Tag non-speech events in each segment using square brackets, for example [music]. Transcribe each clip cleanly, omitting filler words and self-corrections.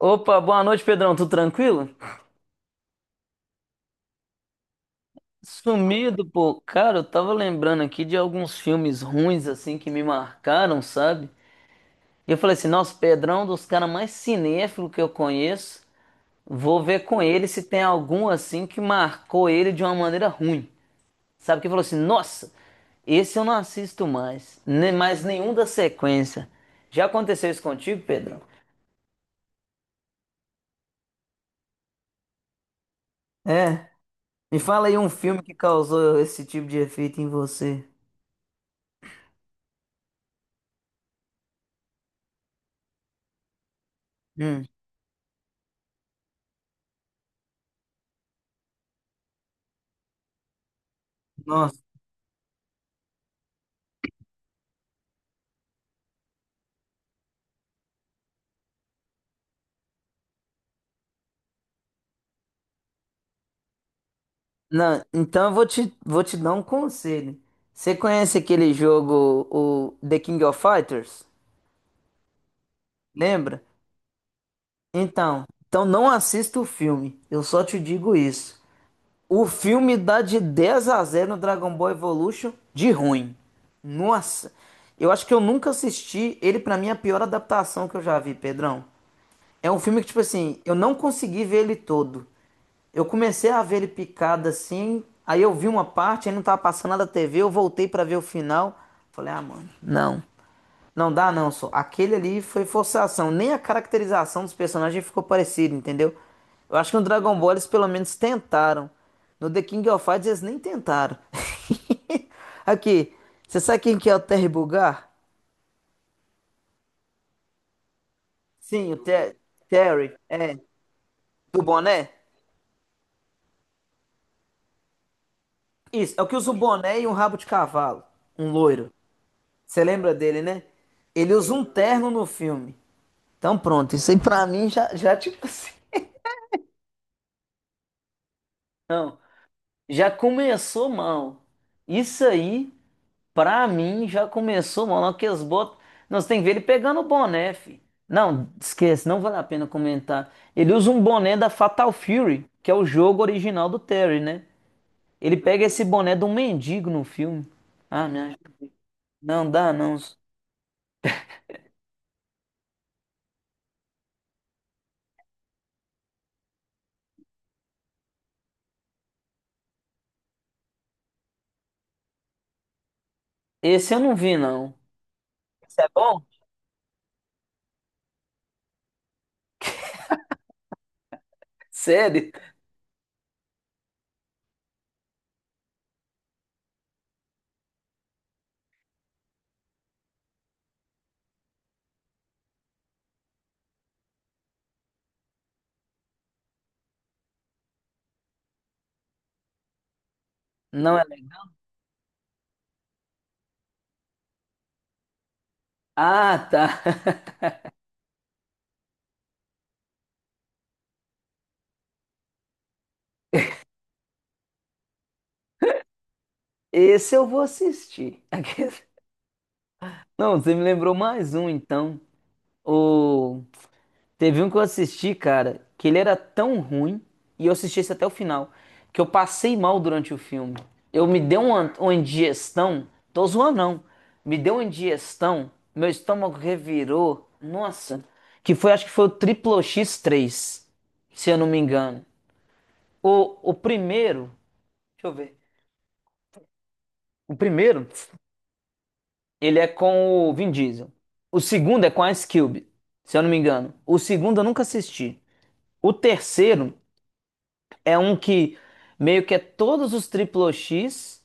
Opa, boa noite, Pedrão. Tudo tranquilo? Sumido, pô. Cara, eu tava lembrando aqui de alguns filmes ruins, assim, que me marcaram, sabe? E eu falei assim, nossa, Pedrão, um dos caras mais cinéfilos que eu conheço, vou ver com ele se tem algum, assim, que marcou ele de uma maneira ruim. Sabe? Que falou assim, nossa, esse eu não assisto mais. Nem mais nenhum da sequência. Já aconteceu isso contigo, Pedrão? É. Me fala aí um filme que causou esse tipo de efeito em você. Hum. Nossa. Não, então eu vou te dar um conselho. Você conhece aquele jogo, o The King of Fighters? Lembra? Então não assista o filme. Eu só te digo isso. O filme dá de 10 a 0 no Dragon Ball Evolution de ruim. Nossa, eu acho que eu nunca assisti. Ele, pra mim, é a pior adaptação que eu já vi, Pedrão. É um filme que, tipo assim, eu não consegui ver ele todo. Eu comecei a ver ele picado assim, aí eu vi uma parte, aí não tava passando nada na TV, eu voltei pra ver o final. Falei, ah, mano, não. Não dá não, só. Aquele ali foi forçação. Nem a caracterização dos personagens ficou parecida, entendeu? Eu acho que no Dragon Ball eles pelo menos tentaram. No The King of Fighters eles nem tentaram. [laughs] Aqui, você sabe quem que é o Terry Bugard? Sim, o Terry. É, do boné? Isso, é o que usa um boné e um rabo de cavalo. Um loiro. Você lembra dele, né? Ele usa um terno no filme. Então pronto, isso aí pra mim já tipo assim. Não, já começou mal. Isso aí, pra mim, já começou mal. Não, que eles botam. Nós tem que ver ele pegando o boné, fi. Não, esquece, não vale a pena comentar. Ele usa um boné da Fatal Fury, que é o jogo original do Terry, né? Ele pega esse boné de um mendigo no filme. Ah, não dá, não. Esse eu não vi, não. Esse é bom? Sério? Não é legal. Ah, tá. [laughs] Esse eu vou assistir. [laughs] Não, você me lembrou mais um, então. O... Teve um que eu assisti, cara, que ele era tão ruim, e eu assisti esse até o final, que eu passei mal durante o filme. Eu me dei uma indigestão, tô zoando não, me deu uma indigestão, meu estômago revirou, nossa, que foi, acho que foi o Triplo X3, se eu não me engano. O primeiro, deixa eu ver. O primeiro, ele é com o Vin Diesel. O segundo é com a Ice Cube, se eu não me engano. O segundo eu nunca assisti. O terceiro é um que meio que é todos os Triple X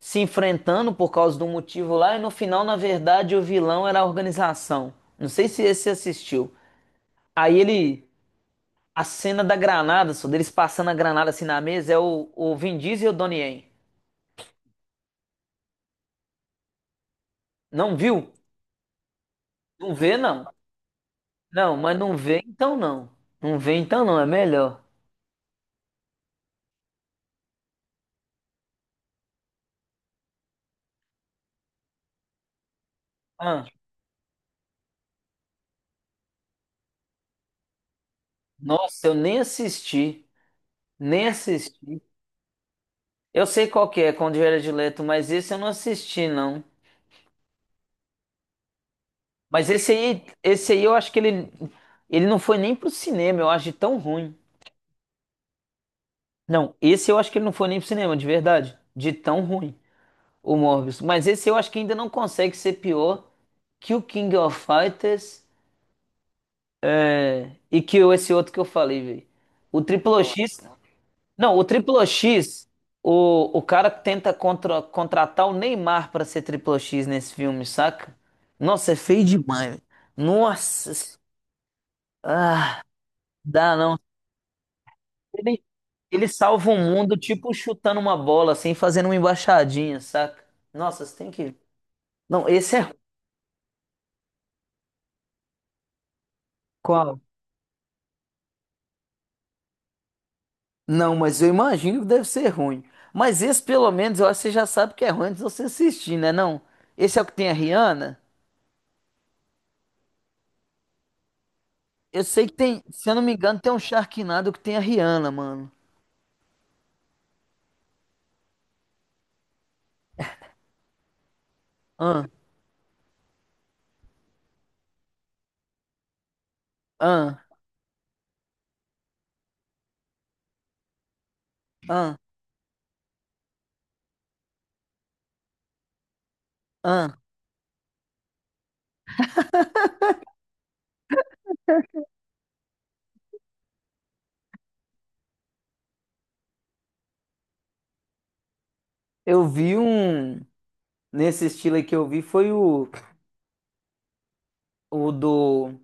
se enfrentando por causa de um motivo lá e no final, na verdade, o vilão era a organização. Não sei se esse você assistiu. Aí ele, a cena da granada, só deles passando a granada assim na mesa, é o Vin Diesel e o Donnie Yen. Não viu? Não vê, não. Não, mas não vê então não. Não vê então não, é melhor. Ah, nossa, eu nem assisti. Nem assisti. Eu sei qual que é, Conde Direto, mas esse eu não assisti, não. Mas esse aí eu acho que ele não foi nem pro cinema, eu acho de tão ruim. Não, esse eu acho que ele não foi nem pro cinema, de verdade. De tão ruim, o Morbius. Mas esse eu acho que ainda não consegue ser pior que o King of Fighters e que esse outro que eu falei, velho. O Triple X Não, o Triplo X, o cara tenta contratar o Neymar pra ser Triplo X nesse filme, saca? Nossa, é feio demais. Nossa, ah, dá não. Ele, ele salva o mundo tipo chutando uma bola, assim, fazendo uma embaixadinha, saca? Nossa, você tem que. Não, esse é. Qual? Não, mas eu imagino que deve ser ruim. Mas esse, pelo menos, eu acho que você já sabe que é ruim antes de você assistir, né? Não? Esse é o que tem a Rihanna? Eu sei que tem, se eu não me engano, tem um Sharknado que tem a Rihanna, mano. Ah, ah, ah, ah. Eu vi um. Nesse estilo aí que eu vi foi o do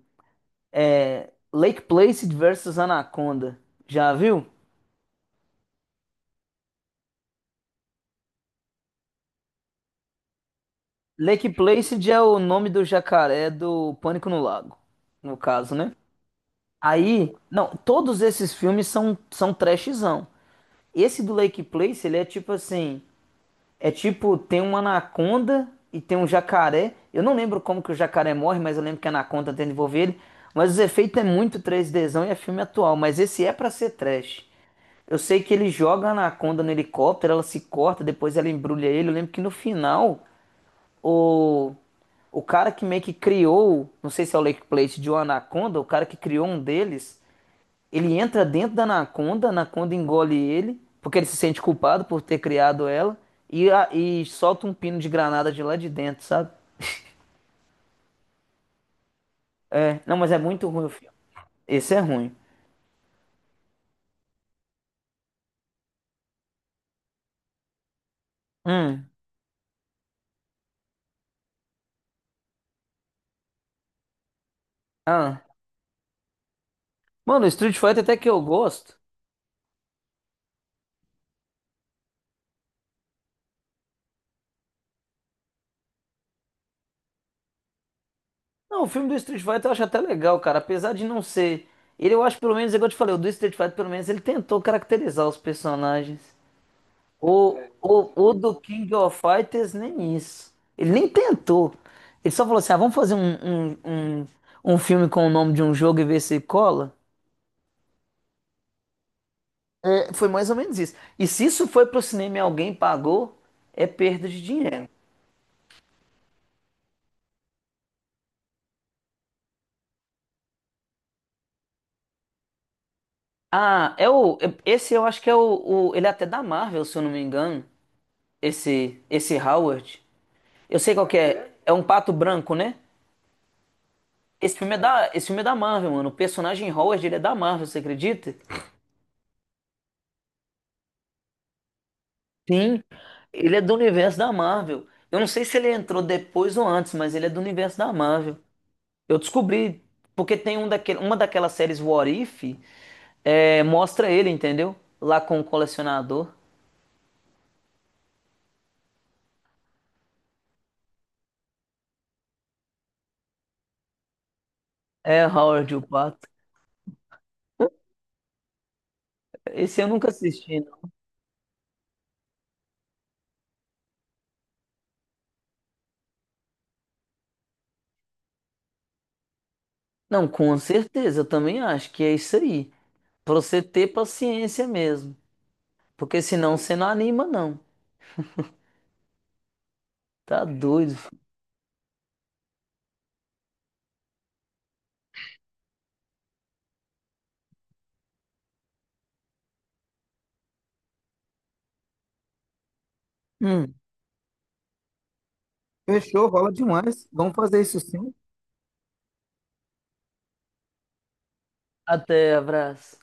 Lake Placid versus Anaconda. Já viu? Lake Placid é o nome do jacaré do Pânico no Lago, no caso, né? Aí, não, todos esses filmes são trashzão. Esse do Lake Placid, ele é tipo assim. É tipo, tem uma anaconda e tem um jacaré. Eu não lembro como que o jacaré morre, mas eu lembro que a anaconda tenta envolver ele. Mas os efeitos é muito três dzão e é filme atual, mas esse é pra ser trash. Eu sei que ele joga a anaconda no helicóptero, ela se corta, depois ela embrulha ele. Eu lembro que no final, o, o cara que meio que criou, não sei se é o Lake Plate de uma anaconda, o cara que criou um deles, ele entra dentro da Anaconda, a Anaconda engole ele, porque ele se sente culpado por ter criado ela, e solta um pino de granada de lá de dentro, sabe? É, não, mas é muito ruim o filme. Esse é ruim. Hum. Ah. Mano, o Street Fighter até que eu gosto. Não, o filme do Street Fighter eu acho até legal, cara. Apesar de não ser. Ele, eu acho pelo menos, igual eu te falei, o do Street Fighter, pelo menos, ele tentou caracterizar os personagens. O, o do King of Fighters nem isso. Ele nem tentou. Ele só falou assim: ah, vamos fazer um, um filme com o nome de um jogo e ver se cola. É, foi mais ou menos isso. E se isso foi pro cinema e alguém pagou, é perda de dinheiro. Ah, Esse eu acho que Ele é até da Marvel, se eu não me engano. Esse Howard. Eu sei qual que é. É um pato branco, né? Esse filme é da Marvel, mano. O personagem Howard, ele é da Marvel, você acredita? Sim, ele é do universo da Marvel. Eu não sei se ele entrou depois ou antes, mas ele é do universo da Marvel. Eu descobri, porque tem uma daquelas séries What If, mostra ele, entendeu? Lá com o colecionador. É Howard o Pato. Esse eu nunca assisti, não. Não, com certeza, eu também acho que é isso aí. Pra você ter paciência mesmo. Porque senão você não anima, não. Tá doido, filho. Hum, Fechou, rola demais. Vamos fazer isso sim. Até, abraço.